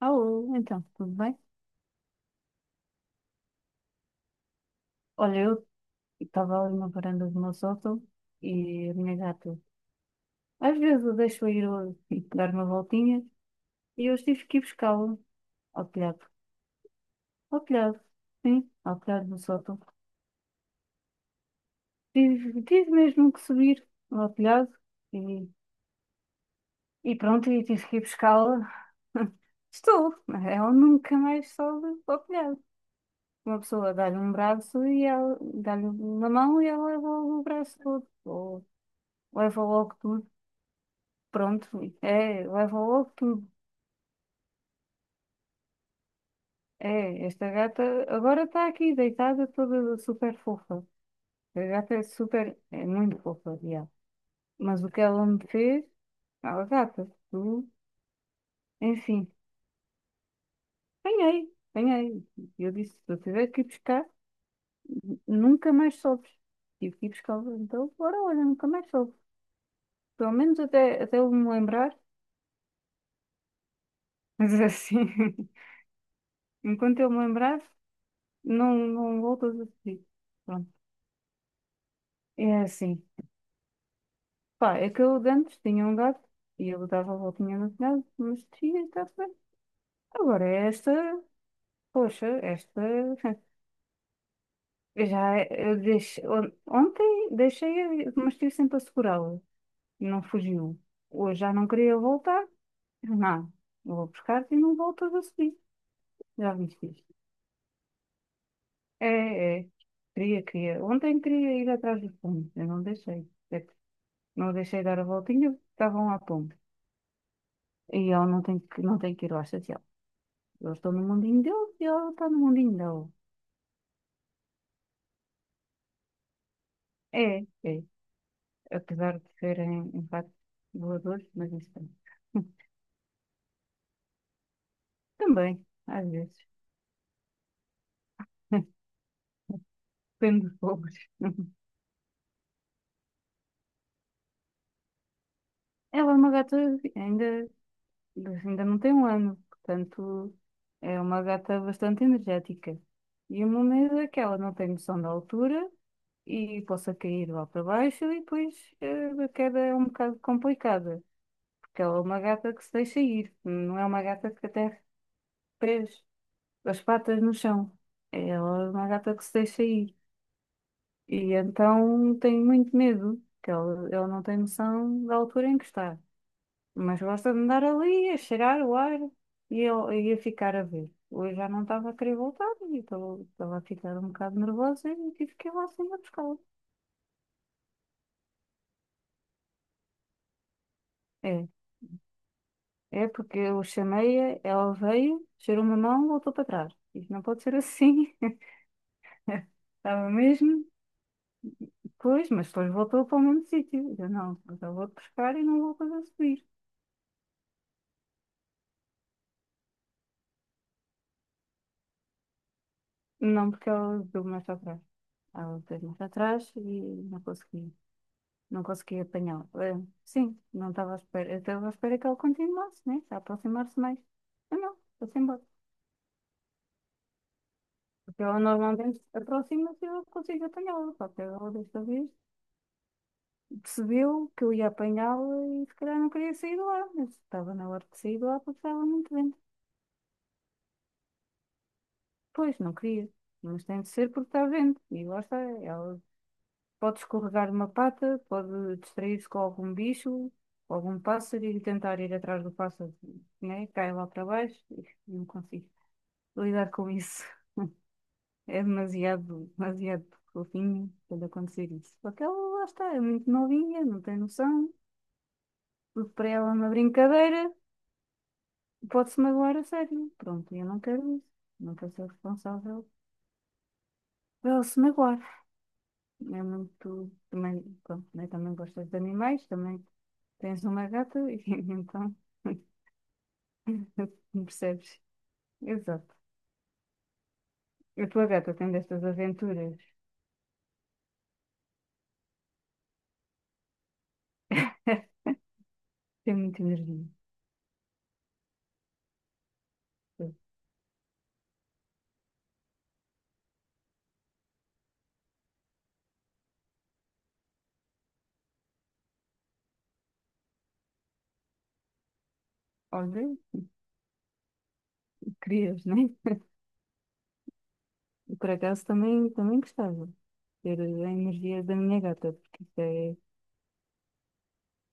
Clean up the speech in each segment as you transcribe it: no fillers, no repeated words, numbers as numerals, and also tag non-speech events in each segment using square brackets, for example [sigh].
Alô, então, tudo bem? Olha, eu estava ali na varanda do meu sótão e a minha gata. Às vezes eu deixo ir e dar uma voltinha e eu tive que ir buscá-la ao telhado. Ao telhado, sim, ao telhado do sótão. Tive mesmo que subir ao telhado e, e pronto, e tive que ir buscá-la. [laughs] Estou, ela nunca mais sobe ao telhado. Uma pessoa dá-lhe um braço e ela dá-lhe uma mão e ela leva logo o braço todo, ou leva logo tudo. Pronto, é, levou tudo. É, esta gata agora está aqui deitada toda super fofa. A gata é super, é muito fofa, já. Mas o que ela me fez, ela gata, tu, enfim, apanhei, apanhei. E eu disse, se eu tiver que ir buscar, nunca mais sobes. Tive que ir buscar, então, agora olha, nunca mais soube. Pelo menos até eu me lembrar, mas assim, [laughs] enquanto eu me lembrar, não, não voltas a pedir. Pronto, é assim. Pá, é que eu de antes tinha um gato e ele dava a voltinha no telhado, mas tinha, está bem. Agora esta, poxa, esta, [laughs] eu já, eu deixei, ontem deixei, mas estive sempre a segurá-la, não fugiu. Hoje já não queria voltar, não, vou buscar-te e não voltas a subir, já viste isto. É, é, queria, queria, ontem queria ir atrás do pombo, eu não deixei. É que não deixei dar a voltinha, estavam à pombo. E ela não tem que ir lá chateá-la. Eles estão no mundinho deles e ela está no mundinho dela. É, é, apesar de serem, em facto, voadores, mas isso também. [laughs] Também, às vezes. [laughs] Depende dos povos. [laughs] Ela é uma gata, ainda, ainda não tem um ano, portanto, é uma gata bastante energética. E o meu medo é que ela não tem noção da altura e possa cair lá para baixo e depois a queda é um bocado complicada, porque ela é uma gata que se deixa ir, não é uma gata que até as patas no chão. Ela é uma gata que se deixa ir. E então tem muito medo, que ela não tem noção da altura em que está. Mas gosta de andar ali, a cheirar o ar e eu e a ficar a ver. Hoje já não estava a querer voltar e estava a ficar um bocado nervosa e tive que ir lá assim a buscá-la. É, é porque eu chamei-a, ela veio, cheirou uma mão, voltou para trás. Isto não pode ser assim. [laughs] Estava mesmo. Pois, mas depois voltou para o mesmo sítio. Eu não, mas eu vou-te pescar e não vou fazer subir. Não, porque ela deu mais atrás. Ela deu mais atrás e não consegui, não consegui apanhá-la. Sim, não estava à espera. Eu estava à espera que ela continuasse, né? A aproximar-se mais. Eu não, estou-se embora. Porque ela normalmente aproxima-se e eu consigo apanhá-la. Só que ela desta vez percebeu que eu ia apanhá-la e se calhar não queria sair de lá. Eu estava na hora de sair de lá porque estava muito vento. Pois, não queria. Mas tem de ser porque está vento. E lá está. Ela pode escorregar uma pata, pode distrair-se com algum bicho, com algum pássaro e tentar ir atrás do pássaro, né? Cai lá para baixo e não consigo lidar com isso. [laughs] É demasiado, demasiado fofinho quando acontecer isso. Porque ela lá está, é muito novinha, não tem noção. Tudo para ela é uma brincadeira. Pode-se magoar a sério. Pronto, eu não quero isso. Não quero ser responsável por ela se magoar. É muito. Também, pronto, né? Também gostas de animais, também tens uma gata e [laughs] então [laughs] percebes. Exato. A tua gata tem destas aventuras, tem muita energia. Olha, querias, né? E por acaso também gostava de ter a energia da minha gata, porque isto é,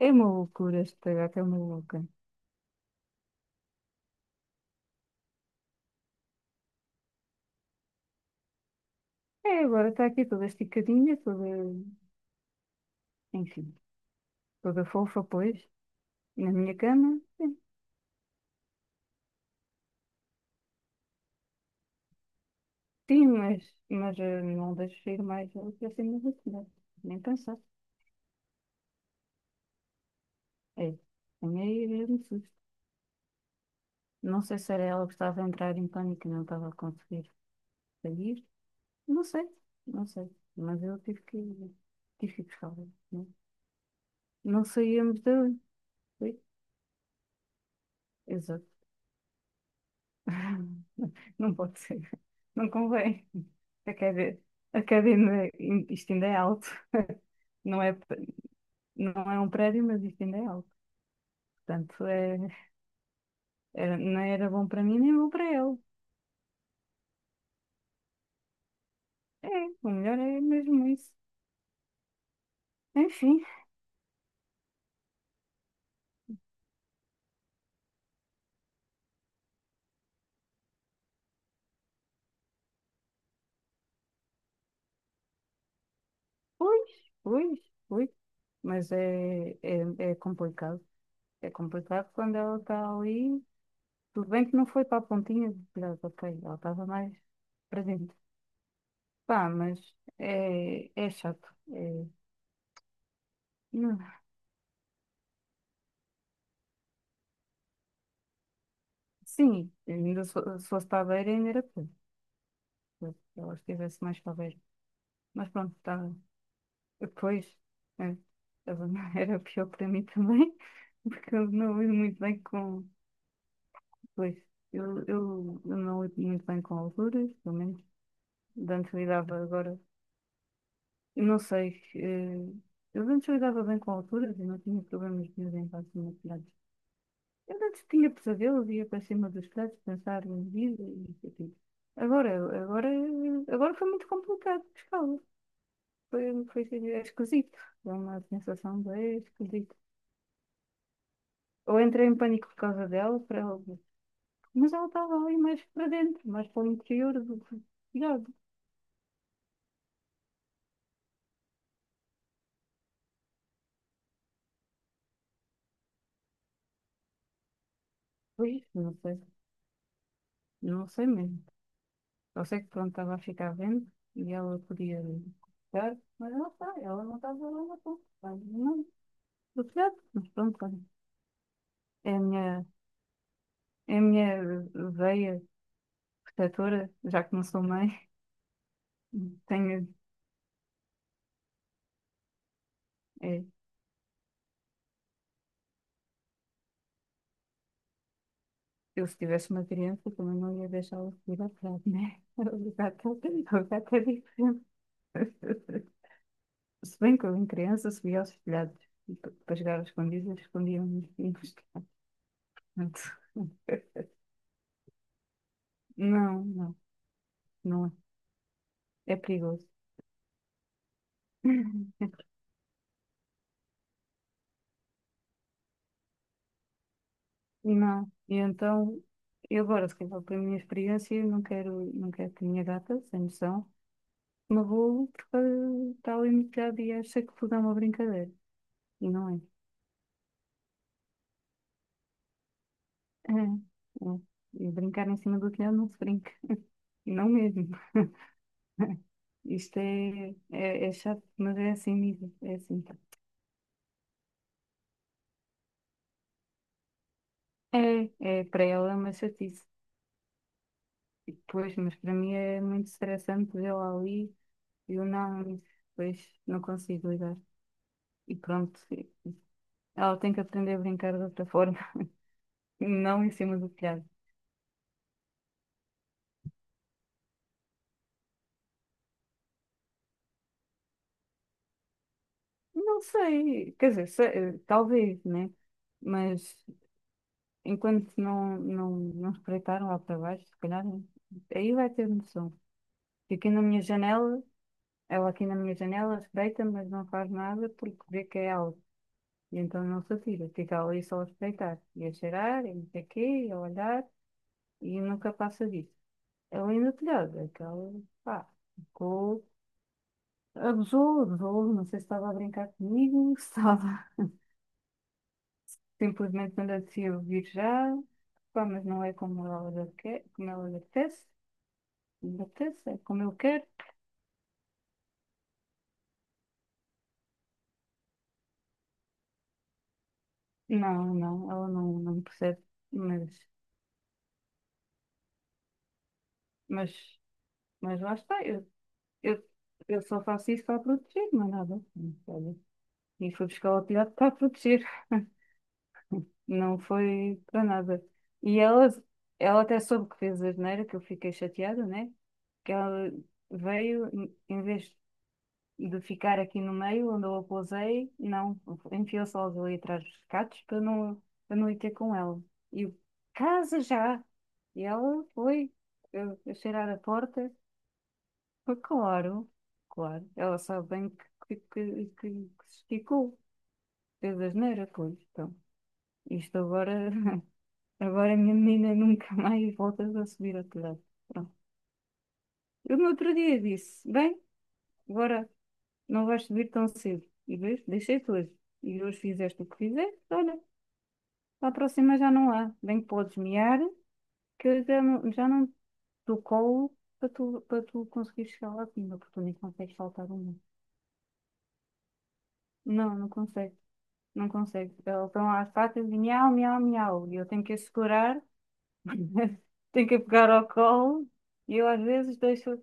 é uma loucura, esta gata é uma louca. É, agora está aqui toda esticadinha, toda, enfim, toda fofa, pois, na minha cama. Sim, mas não deixo ir mais assim do que, nem pensar. É, tenho aí mesmo susto. Não sei se era ela que estava a entrar em pânico e não estava a conseguir sair. Não sei, não sei. Mas eu tive que ir buscá-la. Não, não saíamos dali. Ui. Exato. [laughs] Não pode ser. Não convém. A academia, a academia, isto ainda é alto. Não é, não é um prédio, mas isto ainda é alto. Portanto, é, não era bom para mim nem bom para ele. É, o melhor é mesmo isso. Enfim, pois, pois, pois. Mas é complicado. É complicado quando ela está ali. Tudo bem que não foi para a pontinha de virada, ok. Ela estava mais presente. Pá, mas é chato. É, não. Sim, ainda se fosse para a beira, ainda era pior. Se ela estivesse mais para a beira. Mas pronto, tá. Depois, é, estava- [laughs] era pior para mim também, [laughs] porque eu não lido muito bem com. Pois, eu não lido muito bem com alturas, pelo menos. De antes lidava agora. Eu não sei. Eu de antes lidava bem com alturas e não tinha problemas nenhum em relação a telhados. Eu de antes tinha pesadelos, ia para cima dos telhados pensar em vida e isso e Agora, agora, agora foi muito complicado pescá-los. Foi, foi, é esquisito. Dá uma sensação bem esquisita. Ou entrei em pânico por causa dela, para, mas ela estava ali mais para dentro, mais para o interior do, do. Pois, não sei, não sei mesmo. Eu sei que pronto, estava a ficar vendo e ela podia ficar, mas não sei, ela não estava lá na ponta. Não, do telhado, mas pronto, olha. É a minha, é a minha veia protetora, já que não sou mãe, [laughs] tenho, é, eu se tivesse uma criança também não ia deixá-la subir ao telhado, né? [laughs] O gato, o gato é diferente. [laughs] Se bem que eu em criança subia aos telhados e para jogar às escondidas, escondia-me nos telhados. Portanto, não, não, não é. É perigoso. [laughs] Não. E então, e agora, se calhar pela minha experiência, eu não quero, que a minha gata, sem noção, me roule porque está ali metade e acha que tudo é uma brincadeira. E não é. É, é. E brincar em cima do telhado não se brinca. E não mesmo. [laughs] Isto é chato, mas é assim mesmo. É assim. É, é para ela é uma chatice. E depois, mas para mim é muito estressante vê-la ali. Eu não, pois não consigo lidar. E pronto, ela tem que aprender a brincar de outra forma, [laughs] não em cima do telhado. Não sei, quer dizer, talvez, né? Mas enquanto não, não, não espreitaram lá para baixo, se calhar, aí vai ter noção. E aqui na minha janela, ela aqui na minha janela espreita, mas não faz nada porque vê que é algo. E então não se atira, fica ali só a espreitar, e a cheirar, e não sei o quê, e a olhar, e nunca passa disso. Ela ainda telhada, aquela, pá, ficou, abusou, abusou, não sei se estava a brincar comigo, se estava [laughs] simplesmente não descia ouvir já, pá, mas não é como ela lhe apetece, é como eu quero. Não, não, ela não percebe, mas, mas, mas, lá está, eu, eu só faço isso para proteger, mas nada. Olha, e fui buscar o telhado para proteger. Não foi para nada. E ela até soube que fez asneira, que eu fiquei chateada, né? Que ela veio, em vez de ficar aqui no meio, onde eu a pousei, não, enfiou-se logo ali atrás dos catos para não ir ter com ela. E eu, casa já! E ela foi eu cheirar a porta, foi claro, claro. Ela sabe bem que se esticou, fez asneira, pois. Então, isto agora [laughs] agora, a minha menina, [laughs] nunca mais voltas a subir ao telhado. Pronto. Eu no outro dia disse, bem, agora não vais subir tão cedo. E vês, deixei-te hoje. E hoje fizeste o que fizeste, olha, para a próxima já não há. Bem que podes mear, que eu já não te dou colo para tu conseguires chegar lá acima, porque tu nem consegues saltar uma. Não, não consegue. Não consegue. Elas estão lá às patas e miau, miau, miau. E eu tenho que a segurar, [laughs] tenho que a pegar ao colo. E eu às vezes deixo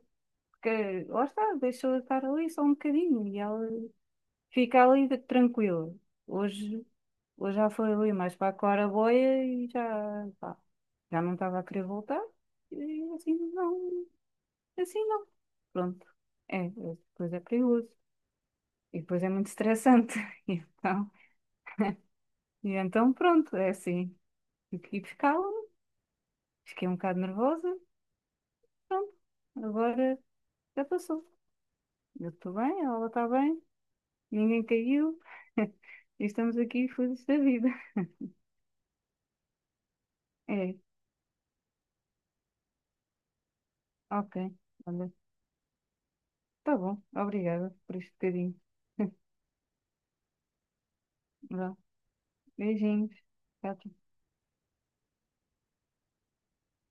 que lá está, deixou de estar ali só um bocadinho e ela fica ali tranquila. Hoje, hoje já foi ali mais para a claraboia e já, pá, já não estava a querer voltar. E assim não, assim não. Pronto. É, depois é perigoso. E depois é muito estressante. [laughs] E Então, e então pronto, é assim. E fiquei um bocado nervosa. Pronto, agora já passou. Eu estou bem, ela está bem, ninguém caiu. [laughs] Estamos aqui felizes da vida. É, ok. Olha, tá bom. Obrigada por este bocadinho. [laughs] Vá, beijinhos. Tchau, tchau.